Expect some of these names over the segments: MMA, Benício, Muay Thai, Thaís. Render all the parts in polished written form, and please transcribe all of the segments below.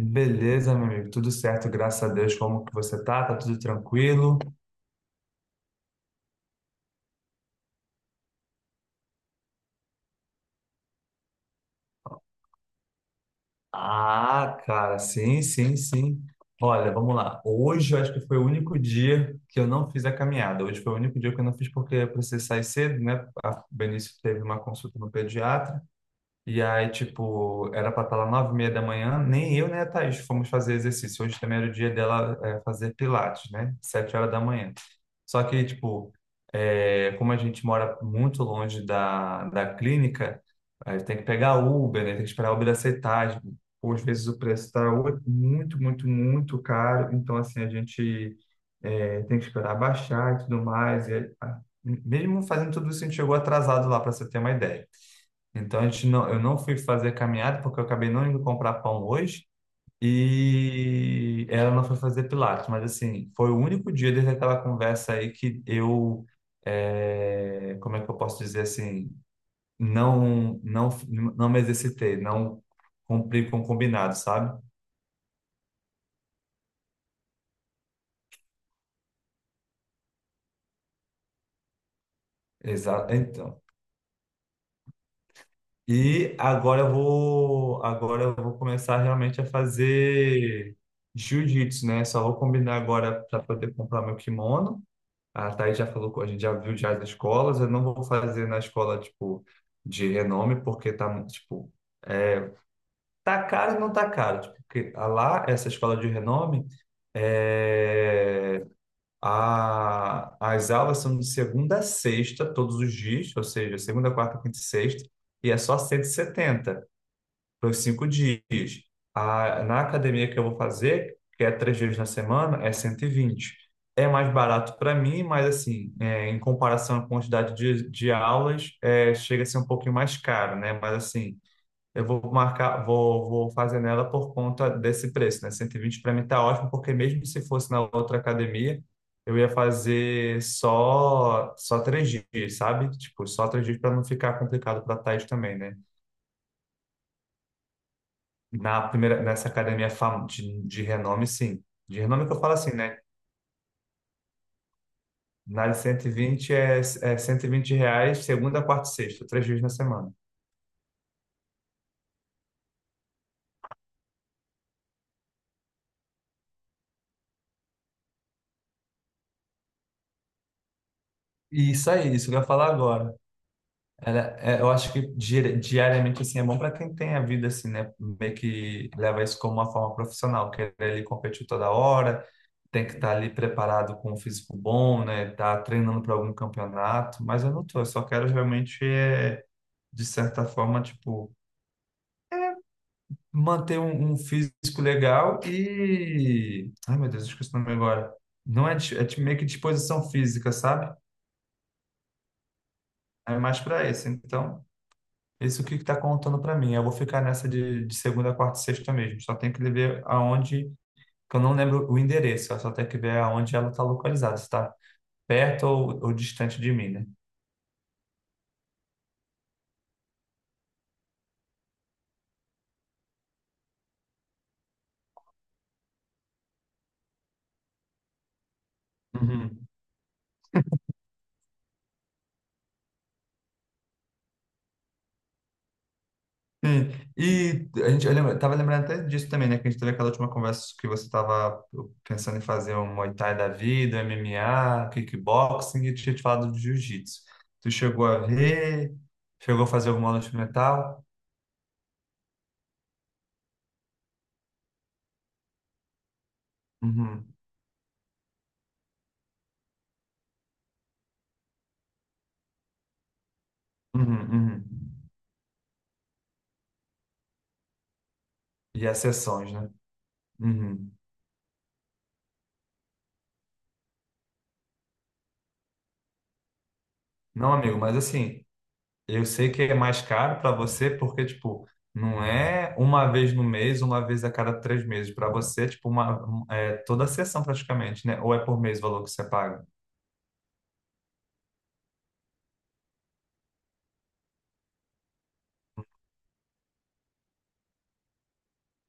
Beleza, meu amigo, tudo certo, graças a Deus. Como que você tá? Tá tudo tranquilo? Ah, cara, sim, sim, sim. Olha, vamos lá. Hoje eu acho que foi o único dia que eu não fiz a caminhada. Hoje foi o único dia que eu não fiz porque eu precisei sair cedo, né? A Benício teve uma consulta no pediatra. E aí, tipo, era pra estar lá 9:30 da manhã, nem eu nem a Thaís fomos fazer exercício. Hoje também era o dia dela fazer pilates, né? 7 horas da manhã. Só que, tipo, como a gente mora muito longe da clínica, aí tem que pegar Uber, né? Tem que esperar a Uber aceitar. Ou às vezes o preço tá muito, muito, muito caro. Então, assim, a gente tem que esperar baixar e tudo mais. E, ah, mesmo fazendo tudo isso, a gente chegou atrasado lá, para você ter uma ideia. Então a gente não, eu não fui fazer caminhada porque eu acabei não indo comprar pão hoje e ela não foi fazer pilates, mas assim, foi o único dia desde aquela conversa aí que como é que eu posso dizer assim, não, não, não me exercitei, não cumpri com o combinado, sabe? Exato, então. E agora eu vou começar realmente a fazer jiu-jitsu, né? Só vou combinar agora para poder comprar meu kimono. A Thaís já falou, a gente já viu já as escolas, eu não vou fazer na escola, tipo, de renome, porque tá, muito, tipo, é, tá caro e não tá caro, tipo, porque a lá, essa escola de renome, é, as aulas são de segunda a sexta, todos os dias, ou seja, segunda, quarta, quinta e sexta, e é só 170. Foi 5 dias. Na academia que eu vou fazer, que é 3 vezes na semana, é 120. É mais barato para mim, mas assim, em comparação à quantidade de aulas, chega a ser um pouquinho mais caro, né? Mas assim, eu vou marcar, vou fazer nela por conta desse preço, né? 120 para mim tá ótimo, porque mesmo se fosse na outra academia, eu ia fazer só 3 dias, sabe? Tipo, só 3 dias para não ficar complicado para a Thaís também, né? Nessa academia de renome, sim. De renome que eu falo assim, né? Na de 120 é R$ 120, segunda, quarta e sexta, 3 vezes na semana. E isso aí, isso que eu ia falar agora. Eu acho que diariamente, assim, é bom para quem tem a vida, assim, né? Meio que leva isso como uma forma profissional, que ele competir toda hora, tem que estar ali preparado com um físico bom, né? Tá treinando para algum campeonato, mas eu não tô, eu só quero realmente, de certa forma, tipo manter um físico legal. Ai, meu Deus, esqueci o nome agora. Não é, meio que disposição física, sabe? É mais para esse. Então, esse é o que está contando para mim. Eu vou ficar nessa de segunda, quarta e sexta mesmo. Só tem que ver aonde. Que eu não lembro o endereço, eu só tenho que ver aonde ela está localizada, se está perto ou distante de mim, né? Uhum. Sim, e a gente, eu lembra, tava lembrando até disso também, né? Que a gente teve aquela última conversa que você tava pensando em fazer um Muay Thai da vida, MMA, kickboxing, e eu tinha te falado de jiu-jitsu. Tu chegou a fazer alguma aula de metal. Uhum, uhum, uhum. E as sessões, né? Uhum. Não, amigo, mas assim, eu sei que é mais caro para você porque, tipo, não é uma vez no mês, uma vez a cada 3 meses. Para você, tipo, é toda a sessão praticamente, né? Ou é por mês o valor que você paga?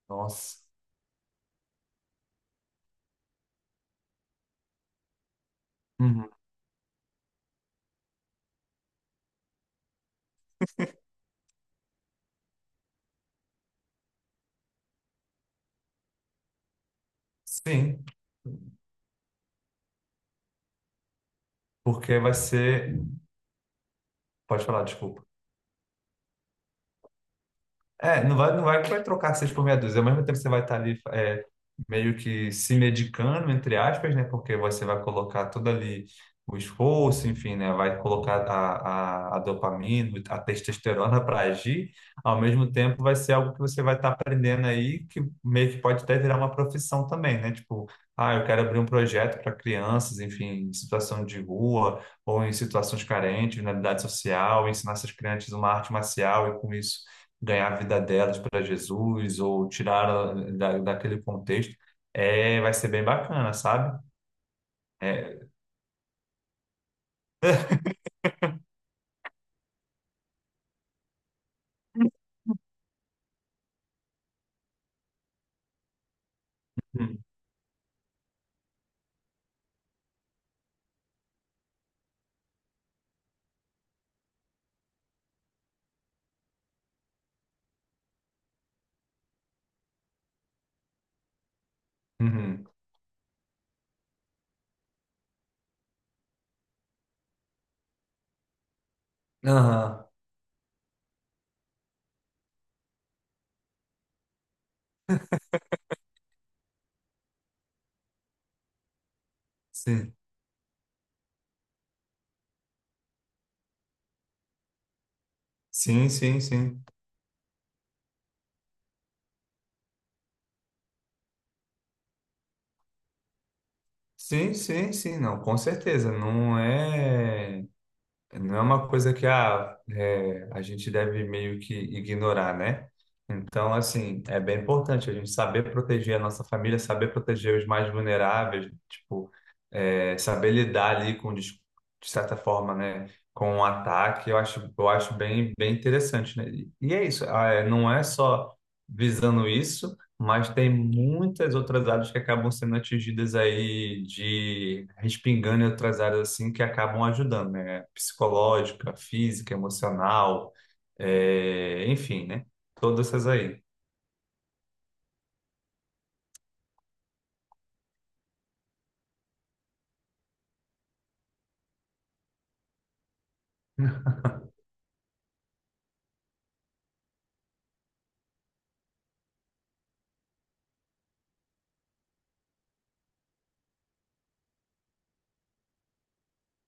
Nossa. Uhum. Sim, porque vai ser. Pode falar, desculpa. É, não vai, não vai, vai trocar seis por meia dúzia. Ao mesmo tempo, você vai estar ali meio que se medicando, entre aspas, né? Porque você vai colocar todo ali o esforço, enfim, né? Vai colocar a dopamina, a testosterona para agir. Ao mesmo tempo, vai ser algo que você vai estar aprendendo aí, que meio que pode até virar uma profissão também, né? Tipo, ah, eu quero abrir um projeto para crianças, enfim, em situação de rua ou em situações carentes, vulnerabilidade social, ensinar essas crianças uma arte marcial e com isso ganhar a vida delas para Jesus ou tirar ela daquele contexto, vai ser bem bacana, sabe? É, hum, uhum. Aham, sim. Sim, sim, sim. Sim, sim, sim, não, com certeza. Não é uma coisa que ah, a gente deve meio que ignorar, né? Então, assim, é bem importante a gente saber proteger a nossa família, saber proteger os mais vulneráveis, tipo, saber lidar ali de certa forma, né, com um ataque, eu acho bem, bem interessante, né? E é isso, ah, não é só visando isso, mas tem muitas outras áreas que acabam sendo atingidas aí de respingando em outras áreas assim que acabam ajudando, né? Psicológica, física, emocional, enfim, né? Todas essas aí.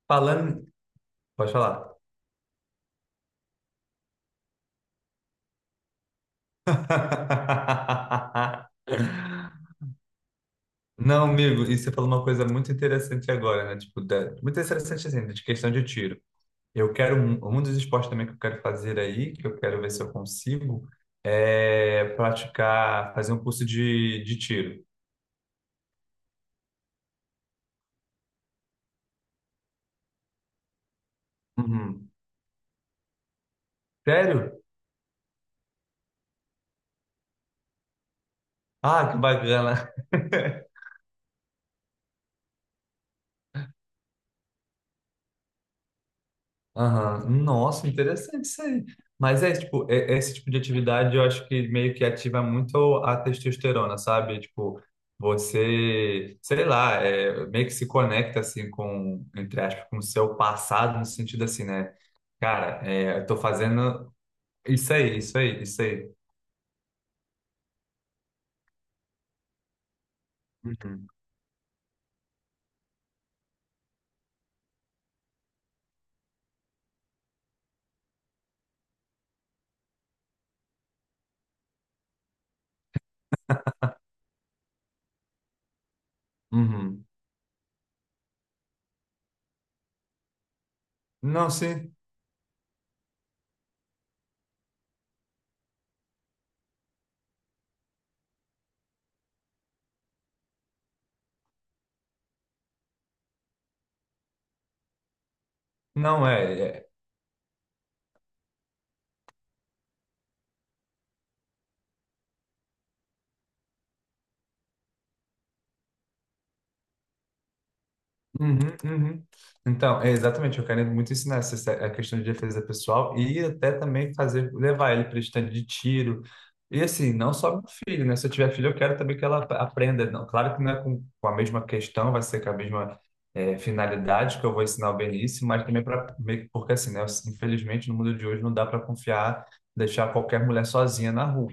Falando, pode falar. Não, amigo, e você falou uma coisa muito interessante agora, né? Tipo, muito interessante assim, de questão de tiro. Eu quero um dos esportes também que eu quero fazer aí, que eu quero ver se eu consigo, praticar, fazer um curso de tiro. Uhum. Sério? Ah, que bacana. Aham. Nossa, interessante isso aí. Mas tipo, esse tipo de atividade eu acho que meio que ativa muito a testosterona, sabe? Tipo, você, sei lá, meio que se conecta, assim, entre aspas, com o seu passado, no sentido assim, né? Cara, eu tô fazendo. Isso aí, isso aí, isso aí. Uhum, uhum. Não, sim, não é. É. Uhum, uhum. Então, é exatamente, eu quero muito ensinar essa, a questão de defesa pessoal e até também fazer, levar ele para estande de tiro. E assim, não só meu filho, né? Se eu tiver filho, eu quero também que ela aprenda. Não, claro que não é com a mesma questão, vai ser com a mesma finalidade que eu vou ensinar o Benício, mas também para. Porque assim, né? Infelizmente, no mundo de hoje não dá para confiar, deixar qualquer mulher sozinha na rua.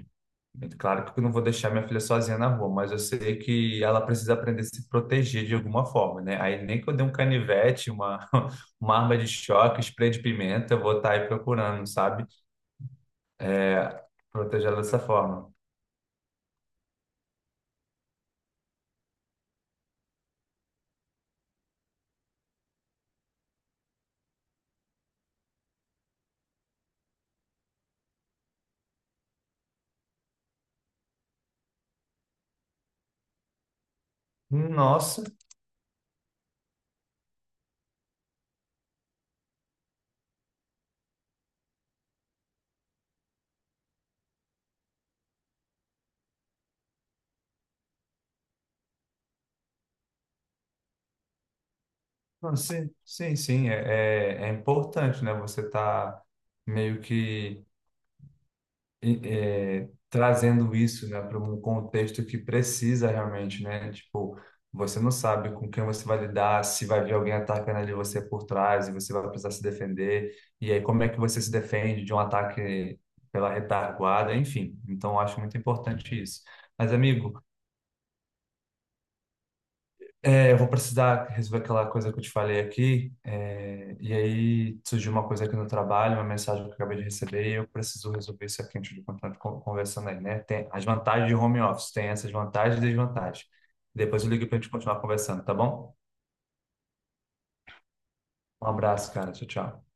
É claro que eu não vou deixar minha filha sozinha na rua, mas eu sei que ela precisa aprender a se proteger de alguma forma, né? Aí nem que eu dê um canivete, uma, uma arma de choque, spray de pimenta, eu vou estar aí procurando, sabe? Proteger ela dessa forma. Nossa, sim, sim, sim, é importante, né? Você tá meio que trazendo isso, né, para um contexto que precisa realmente, né? Tipo, você não sabe com quem você vai lidar, se vai vir alguém atacando ali você por trás e você vai precisar se defender. E aí, como é que você se defende de um ataque pela retaguarda? Enfim, então eu acho muito importante isso. Mas, amigo, eu vou precisar resolver aquela coisa que eu te falei aqui. E aí surgiu uma coisa aqui no trabalho, uma mensagem que eu acabei de receber, e eu preciso resolver isso aqui antes de continuar conversando aí, né? Tem as vantagens de home office, tem essas vantagens e desvantagens. Depois eu ligo pra gente continuar conversando, tá bom? Um abraço, cara. Tchau, tchau.